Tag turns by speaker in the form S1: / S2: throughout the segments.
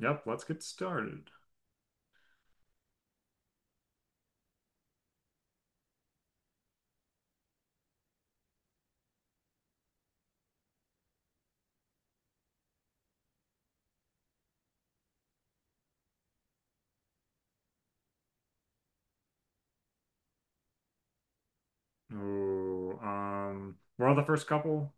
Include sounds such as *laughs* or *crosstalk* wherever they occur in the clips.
S1: Yep, let's get started. Oh, we're on the first couple.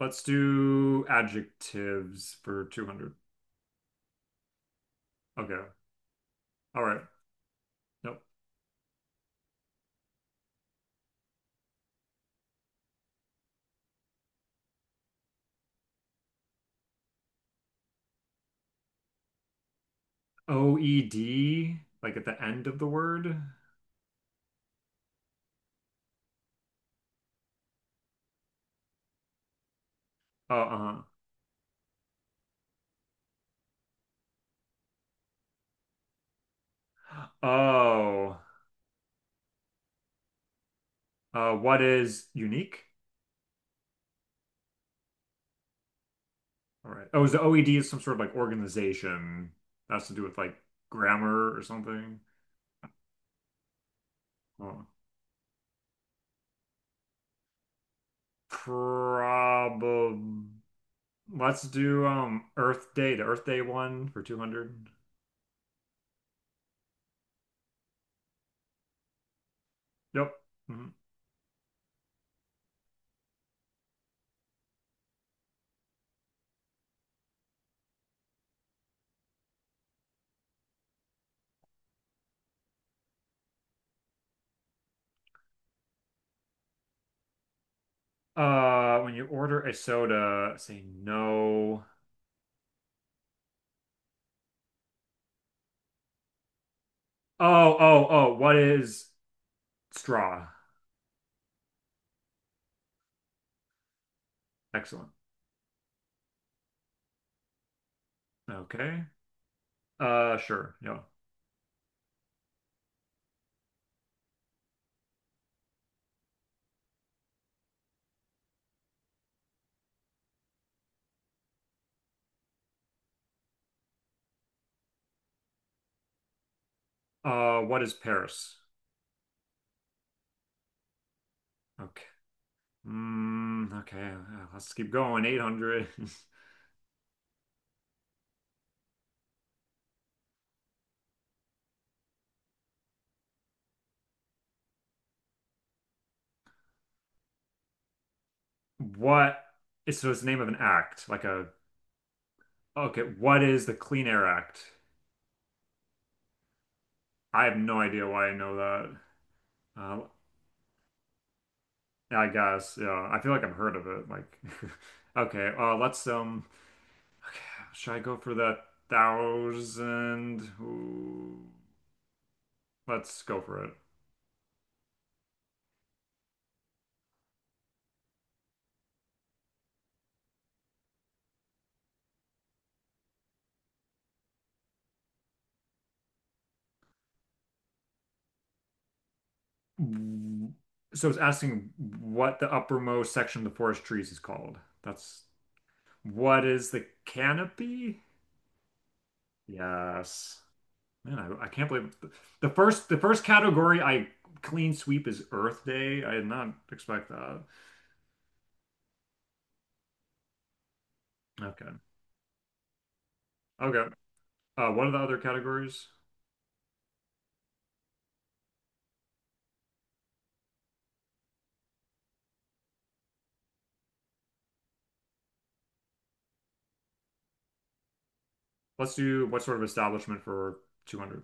S1: Let's do adjectives for 200. Okay. All right. Nope. OED, like at the end of the word. Oh, uh-huh. Oh, what is unique? All right. Oh, is the OED is some sort of like organization that has to do with like grammar or something? Oh. Probably. Let's do Earth Day, the Earth Day one for 200. Yep. Mhm. When you order a soda, say no. Oh, oh, what is straw? Excellent. Okay. Sure. Yeah. What is Paris? Okay. Okay. Let's keep going. 800. *laughs* What is so it's the name of an act, like a okay, what is the Clean Air Act? I have no idea why I know that. Uh, I guess, yeah. I feel like I've heard of it. Like, *laughs* okay, let's Okay, should I go for that thousand? Ooh, let's go for it. Mm, So it's asking what the uppermost section of the forest trees is called. That's What is the canopy? Yes. Man, I can't believe it. The first category I clean sweep is Earth Day. I did not expect that. Okay. Okay. What are the other categories? Let's do what sort of establishment for 200.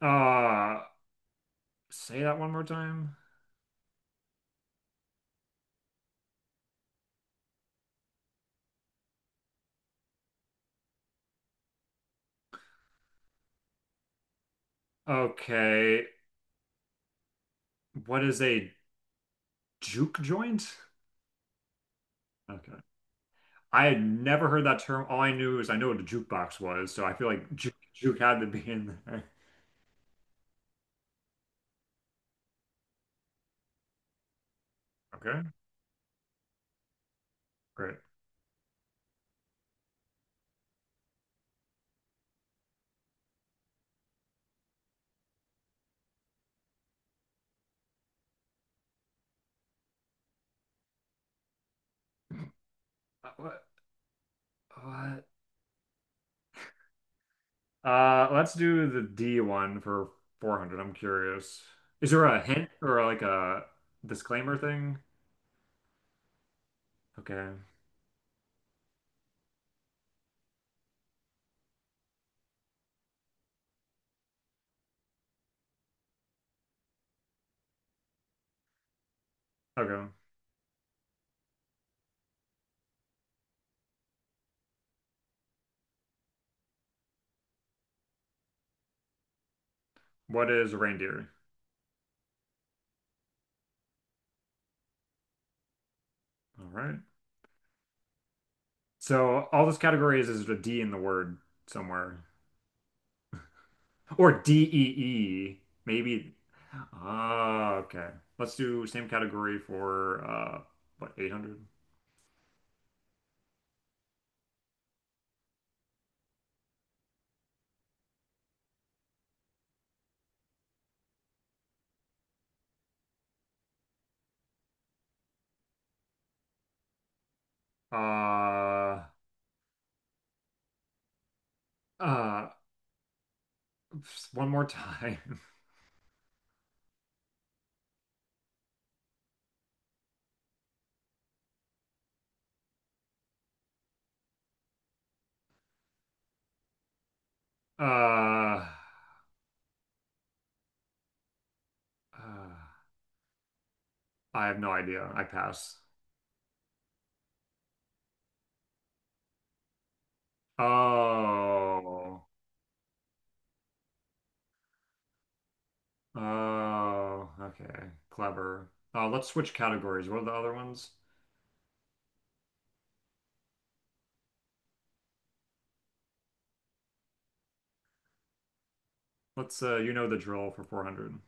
S1: Uh, Say that one more time. Okay. What is a juke joint? Okay. I had never heard that term. All I knew is I know what a jukebox was, so I feel like juke had to be in there. Okay, great. What, what? Let's do the D one for 400. I'm curious. Is there a hint or like a disclaimer thing? Okay. Okay. What is reindeer? All right. So all this category is a D in the word somewhere. Or Dee, maybe. Ah, okay. Let's do same category for what 800? Uh uh just one more time. *laughs* Uh, uh I have no idea. I pass. Oh. Oh, okay. Clever. Uh, let's switch categories. What are the other ones? Let's you know the drill for 400.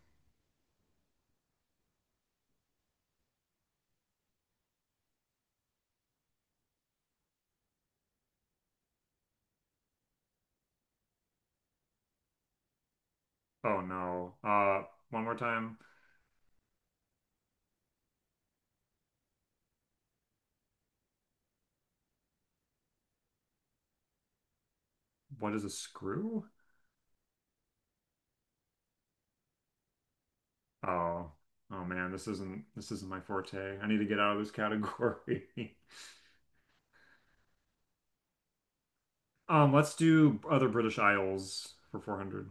S1: Oh no. One more time. What is a screw? Oh, oh man, this isn't my forte. I need to get out of this category. *laughs* Let's do other British Isles for 400.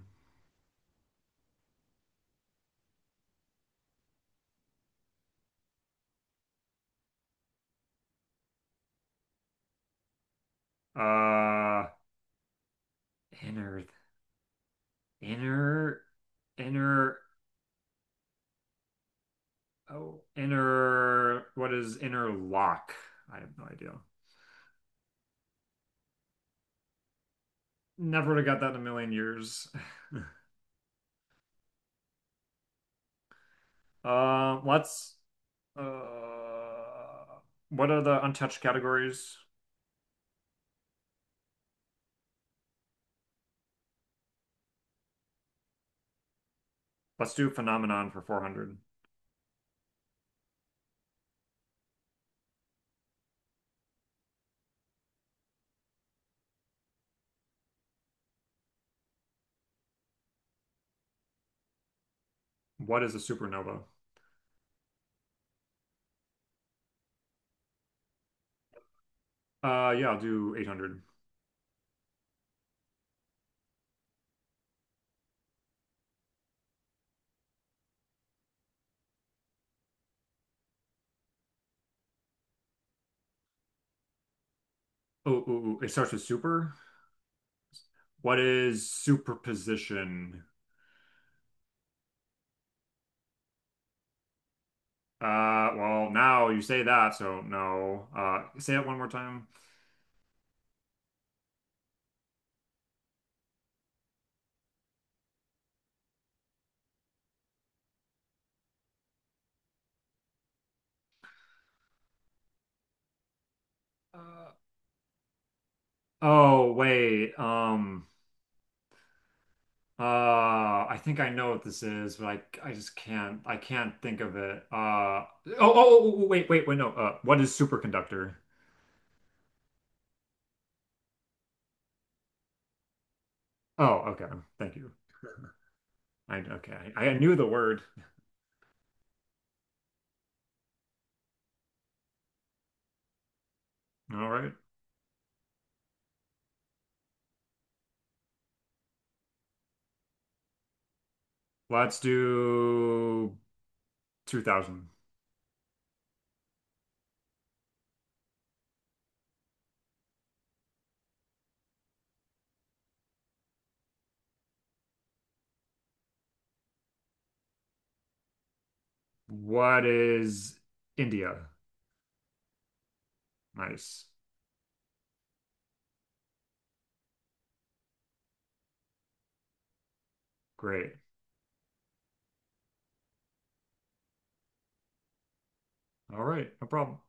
S1: Uh, inner, inner, inner, what is inner lock? I have no idea. Never would have got that in a million years. *laughs* Uh, let's, uh, what are the untouched categories? Let's do phenomenon for 400. What is a supernova? Yeah, I'll do 800. It starts with super. What is superposition? Well, now you say that, so no. Say it one more time. Uh, oh, Wait. I think I know what this is, but I just can't, I can't think of it. Uh, no. What is superconductor? Oh, okay. Thank you. Okay. I knew the word. All right. Let's do 2000. What is India? Nice. Great. All right. No problem.